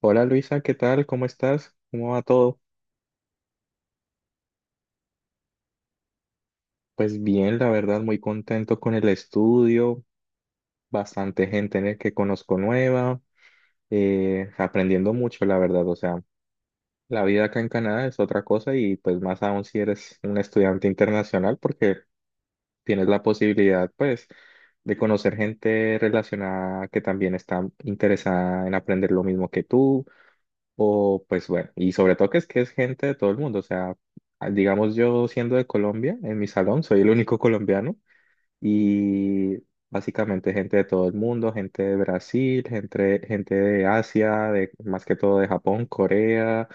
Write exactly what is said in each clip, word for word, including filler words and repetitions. Hola Luisa, ¿qué tal? ¿Cómo estás? ¿Cómo va todo? Pues bien, la verdad, muy contento con el estudio, bastante gente en el que conozco nueva, eh, aprendiendo mucho, la verdad. O sea, la vida acá en Canadá es otra cosa y pues más aún si eres un estudiante internacional porque tienes la posibilidad pues de conocer gente relacionada que también está interesada en aprender lo mismo que tú. O pues bueno, y sobre todo que es que es gente de todo el mundo, o sea, a- digamos yo siendo de Colombia, en mi salón soy el único colombiano y básicamente gente de todo el mundo, gente de Brasil, gente, gente de Asia, de, más que todo de Japón, Corea,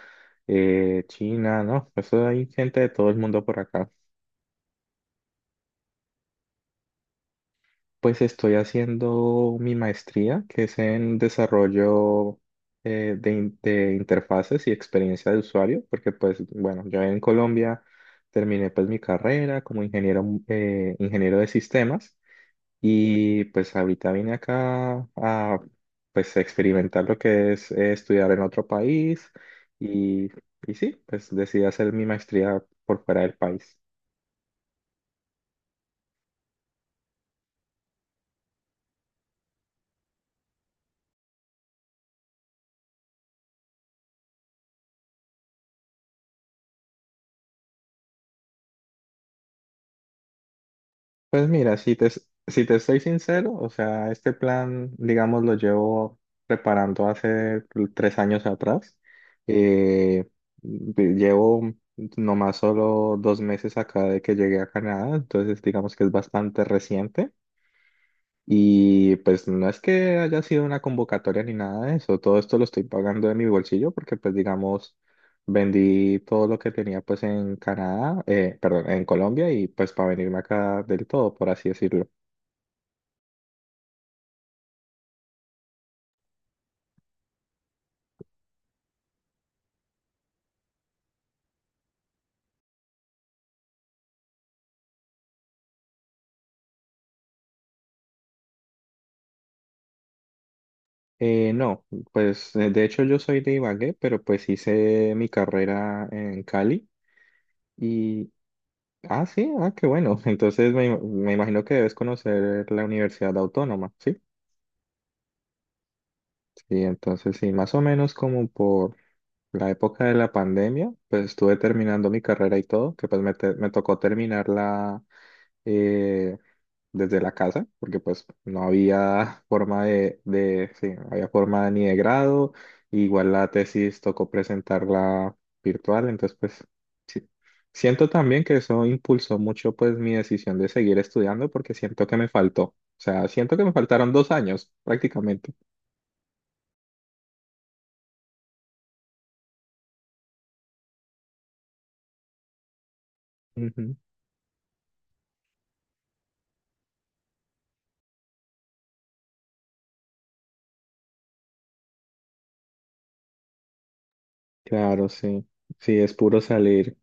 eh, China, ¿no? Eso hay gente de todo el mundo por acá. Pues estoy haciendo mi maestría, que es en desarrollo eh, de, in- de interfaces y experiencia de usuario, porque pues bueno, yo en Colombia terminé pues mi carrera como ingeniero, eh, ingeniero de sistemas y pues ahorita vine acá a pues experimentar lo que es eh, estudiar en otro país y, y sí, pues decidí hacer mi maestría por fuera del país. Pues mira, si te, si te soy sincero, o sea, este plan, digamos, lo llevo preparando hace tres años atrás. Eh, de- llevo nomás solo dos meses acá de que llegué a Canadá, entonces digamos que es bastante reciente. Y pues no es que haya sido una convocatoria ni nada de eso, todo esto lo estoy pagando de mi bolsillo porque pues digamos, vendí todo lo que tenía pues en Canadá, eh, perdón, en Colombia y pues para venirme acá del todo, por así decirlo. Eh, no, pues eh, de hecho yo soy de Ibagué, pero pues hice mi carrera en Cali y... Ah, sí, ah, qué bueno. Entonces me, me imagino que debes conocer la Universidad Autónoma, ¿sí? Sí, entonces sí, más o menos como por la época de la pandemia, pues estuve terminando mi carrera y todo, que pues me, te- me tocó terminarla eh, desde la casa, porque pues no había forma de, de, sí, no había forma ni de grado, igual la tesis tocó presentarla virtual, entonces pues sí. Siento también que eso impulsó mucho pues mi decisión de seguir estudiando porque siento que me faltó, o sea, siento que me faltaron dos años prácticamente. Ujú. Claro, sí, sí, es puro salir.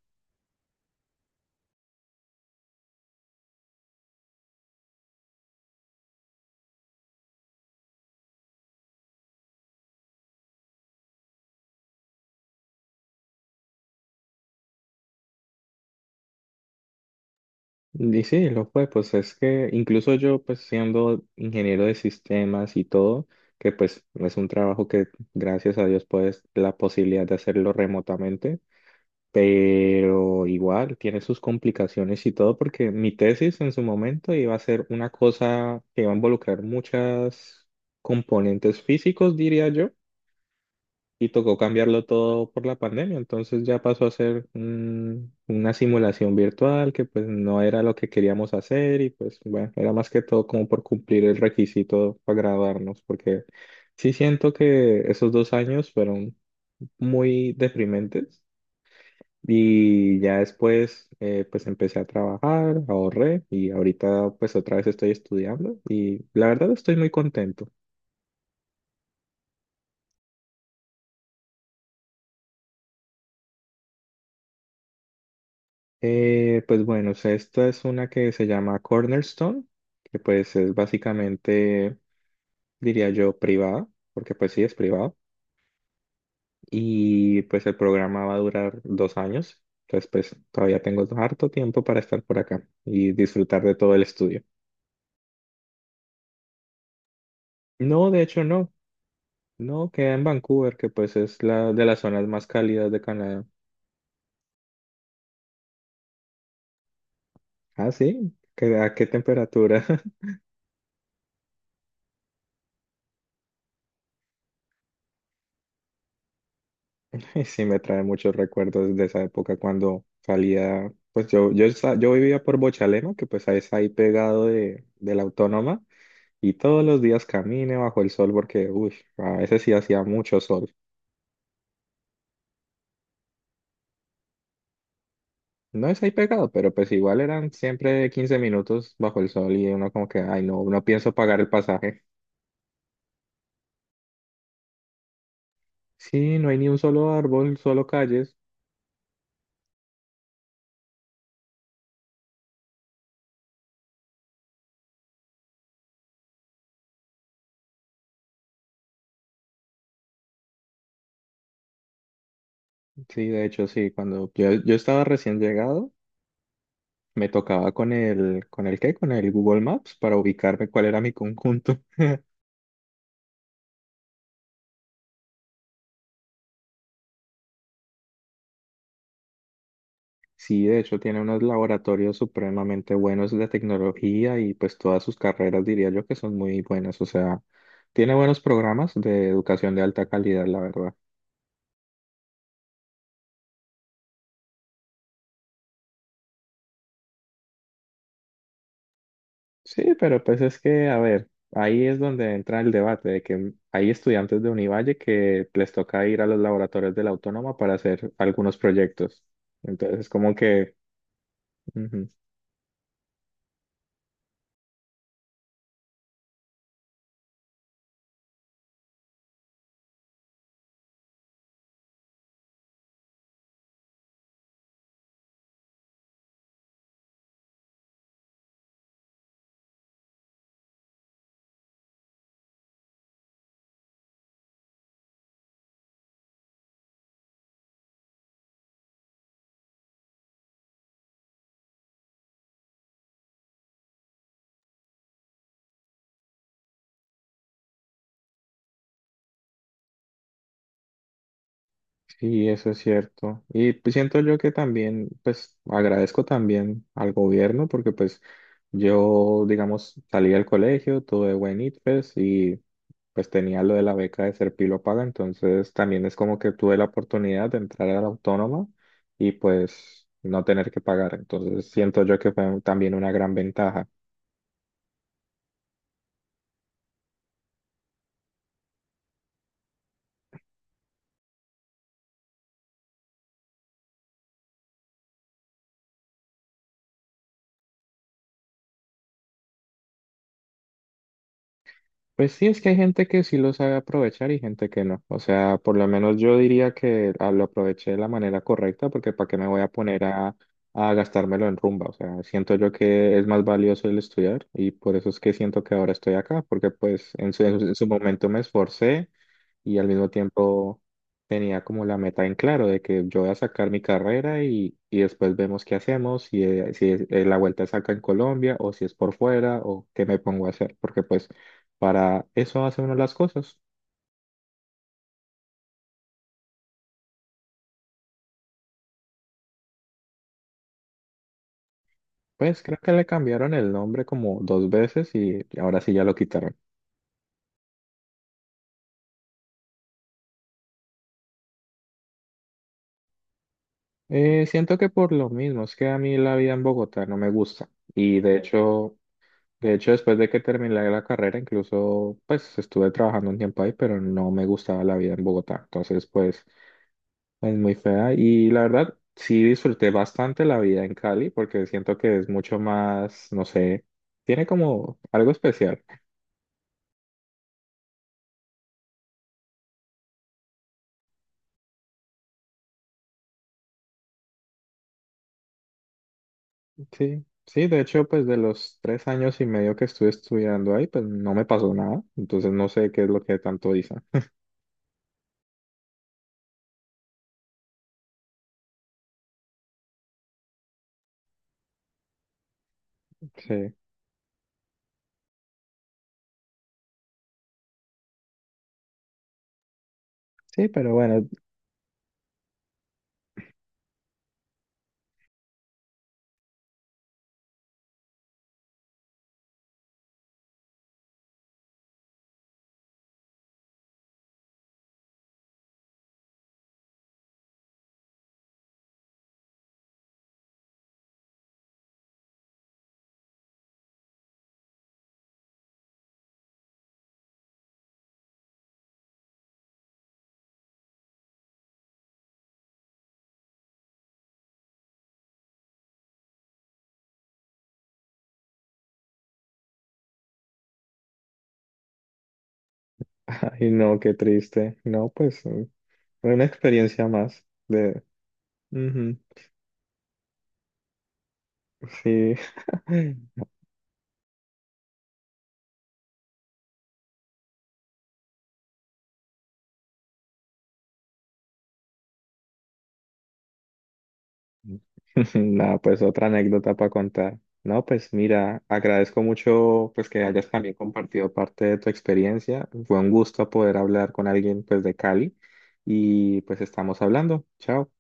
Y sí, lo fue, pues es que incluso yo, pues siendo ingeniero de sistemas y todo, que pues es un trabajo que gracias a Dios pues la posibilidad de hacerlo remotamente, pero igual tiene sus complicaciones y todo porque mi tesis en su momento iba a ser una cosa que iba a involucrar muchas componentes físicos, diría yo, y tocó cambiarlo todo por la pandemia, entonces ya pasó a ser un- una simulación virtual que pues no era lo que queríamos hacer y pues bueno, era más que todo como por cumplir el requisito para graduarnos, porque sí siento que esos dos años fueron muy deprimentes y ya después eh, pues empecé a trabajar, ahorré y ahorita pues otra vez estoy estudiando y la verdad estoy muy contento. Eh, pues bueno, o sea, esta es una que se llama Cornerstone, que pues es básicamente, diría yo, privada, porque pues sí es privado. Y pues el programa va a durar dos años, entonces pues todavía tengo harto tiempo para estar por acá y disfrutar de todo el estudio. No, de hecho no, no, queda en Vancouver, que pues es la de las zonas más cálidas de Canadá. Ah, sí, ¿qué- ¿a qué temperatura? Y sí me trae muchos recuerdos de esa época cuando salía, pues yo, yo, sa- yo vivía por Bochalema, que pues ahí es ahí pegado de, de la Autónoma, y todos los días camine bajo el sol porque, uy, a veces sí hacía mucho sol. No es ahí pegado, pero pues igual eran siempre quince minutos bajo el sol y uno como que, ay no, no pienso pagar el pasaje. Sí, no hay ni un solo árbol, solo calles. Sí, de hecho sí, cuando yo, yo estaba recién llegado. Me tocaba con el, ¿con el qué? Con el Google Maps para ubicarme cuál era mi conjunto. Sí, de hecho tiene unos laboratorios supremamente buenos de tecnología y pues todas sus carreras diría yo que son muy buenas. O sea, tiene buenos programas de educación de alta calidad, la verdad. Sí, pero pues es que, a ver, ahí es donde entra el debate de que hay estudiantes de Univalle que les toca ir a los laboratorios de la Autónoma para hacer algunos proyectos. Entonces, como que... ujú. Sí, eso es cierto. Y pues siento yo que también, pues agradezco también al gobierno porque pues yo, digamos, salí del colegio, tuve buen I T F E S y pues tenía lo de la beca de ser pilo paga, entonces también es como que tuve la oportunidad de entrar a la Autónoma y pues no tener que pagar. Entonces siento yo que fue también una gran ventaja. Pues sí, es que hay gente que sí lo sabe aprovechar y gente que no. O sea, por lo menos yo diría que ah, lo aproveché de la manera correcta porque ¿para qué me voy a poner a, a gastármelo en rumba? O sea, siento yo que es más valioso el estudiar y por eso es que siento que ahora estoy acá, porque pues en su, en su momento me esforcé y al mismo tiempo tenía como la meta en claro de que yo voy a sacar mi carrera y, y después vemos qué hacemos, si, eh, si es- eh, la vuelta es acá en Colombia o si es por fuera o qué me pongo a hacer, porque pues para eso hace uno las cosas. Pues creo que le cambiaron el nombre como dos veces y ahora sí ya lo quitaron. Eh, siento que por lo mismo, es que a mí la vida en Bogotá no me gusta y de hecho. De hecho, después de que terminé la carrera, incluso pues estuve trabajando un tiempo ahí, pero no me gustaba la vida en Bogotá. Entonces, pues es muy fea. Y la verdad, sí disfruté bastante la vida en Cali porque siento que es mucho más, no sé, tiene como algo especial. Sí, sí, de hecho, pues de los tres años y medio que estuve estudiando ahí, pues no me pasó nada. Entonces, no sé qué es lo que tanto dicen. Sí, sí, pero bueno, ay, no, qué triste. No, pues una experiencia más. De Ujú, sí. Nada, pues otra anécdota para contar. No, pues mira, agradezco mucho pues que hayas también compartido parte de tu experiencia. Fue un gusto poder hablar con alguien pues de Cali y pues estamos hablando. Chao.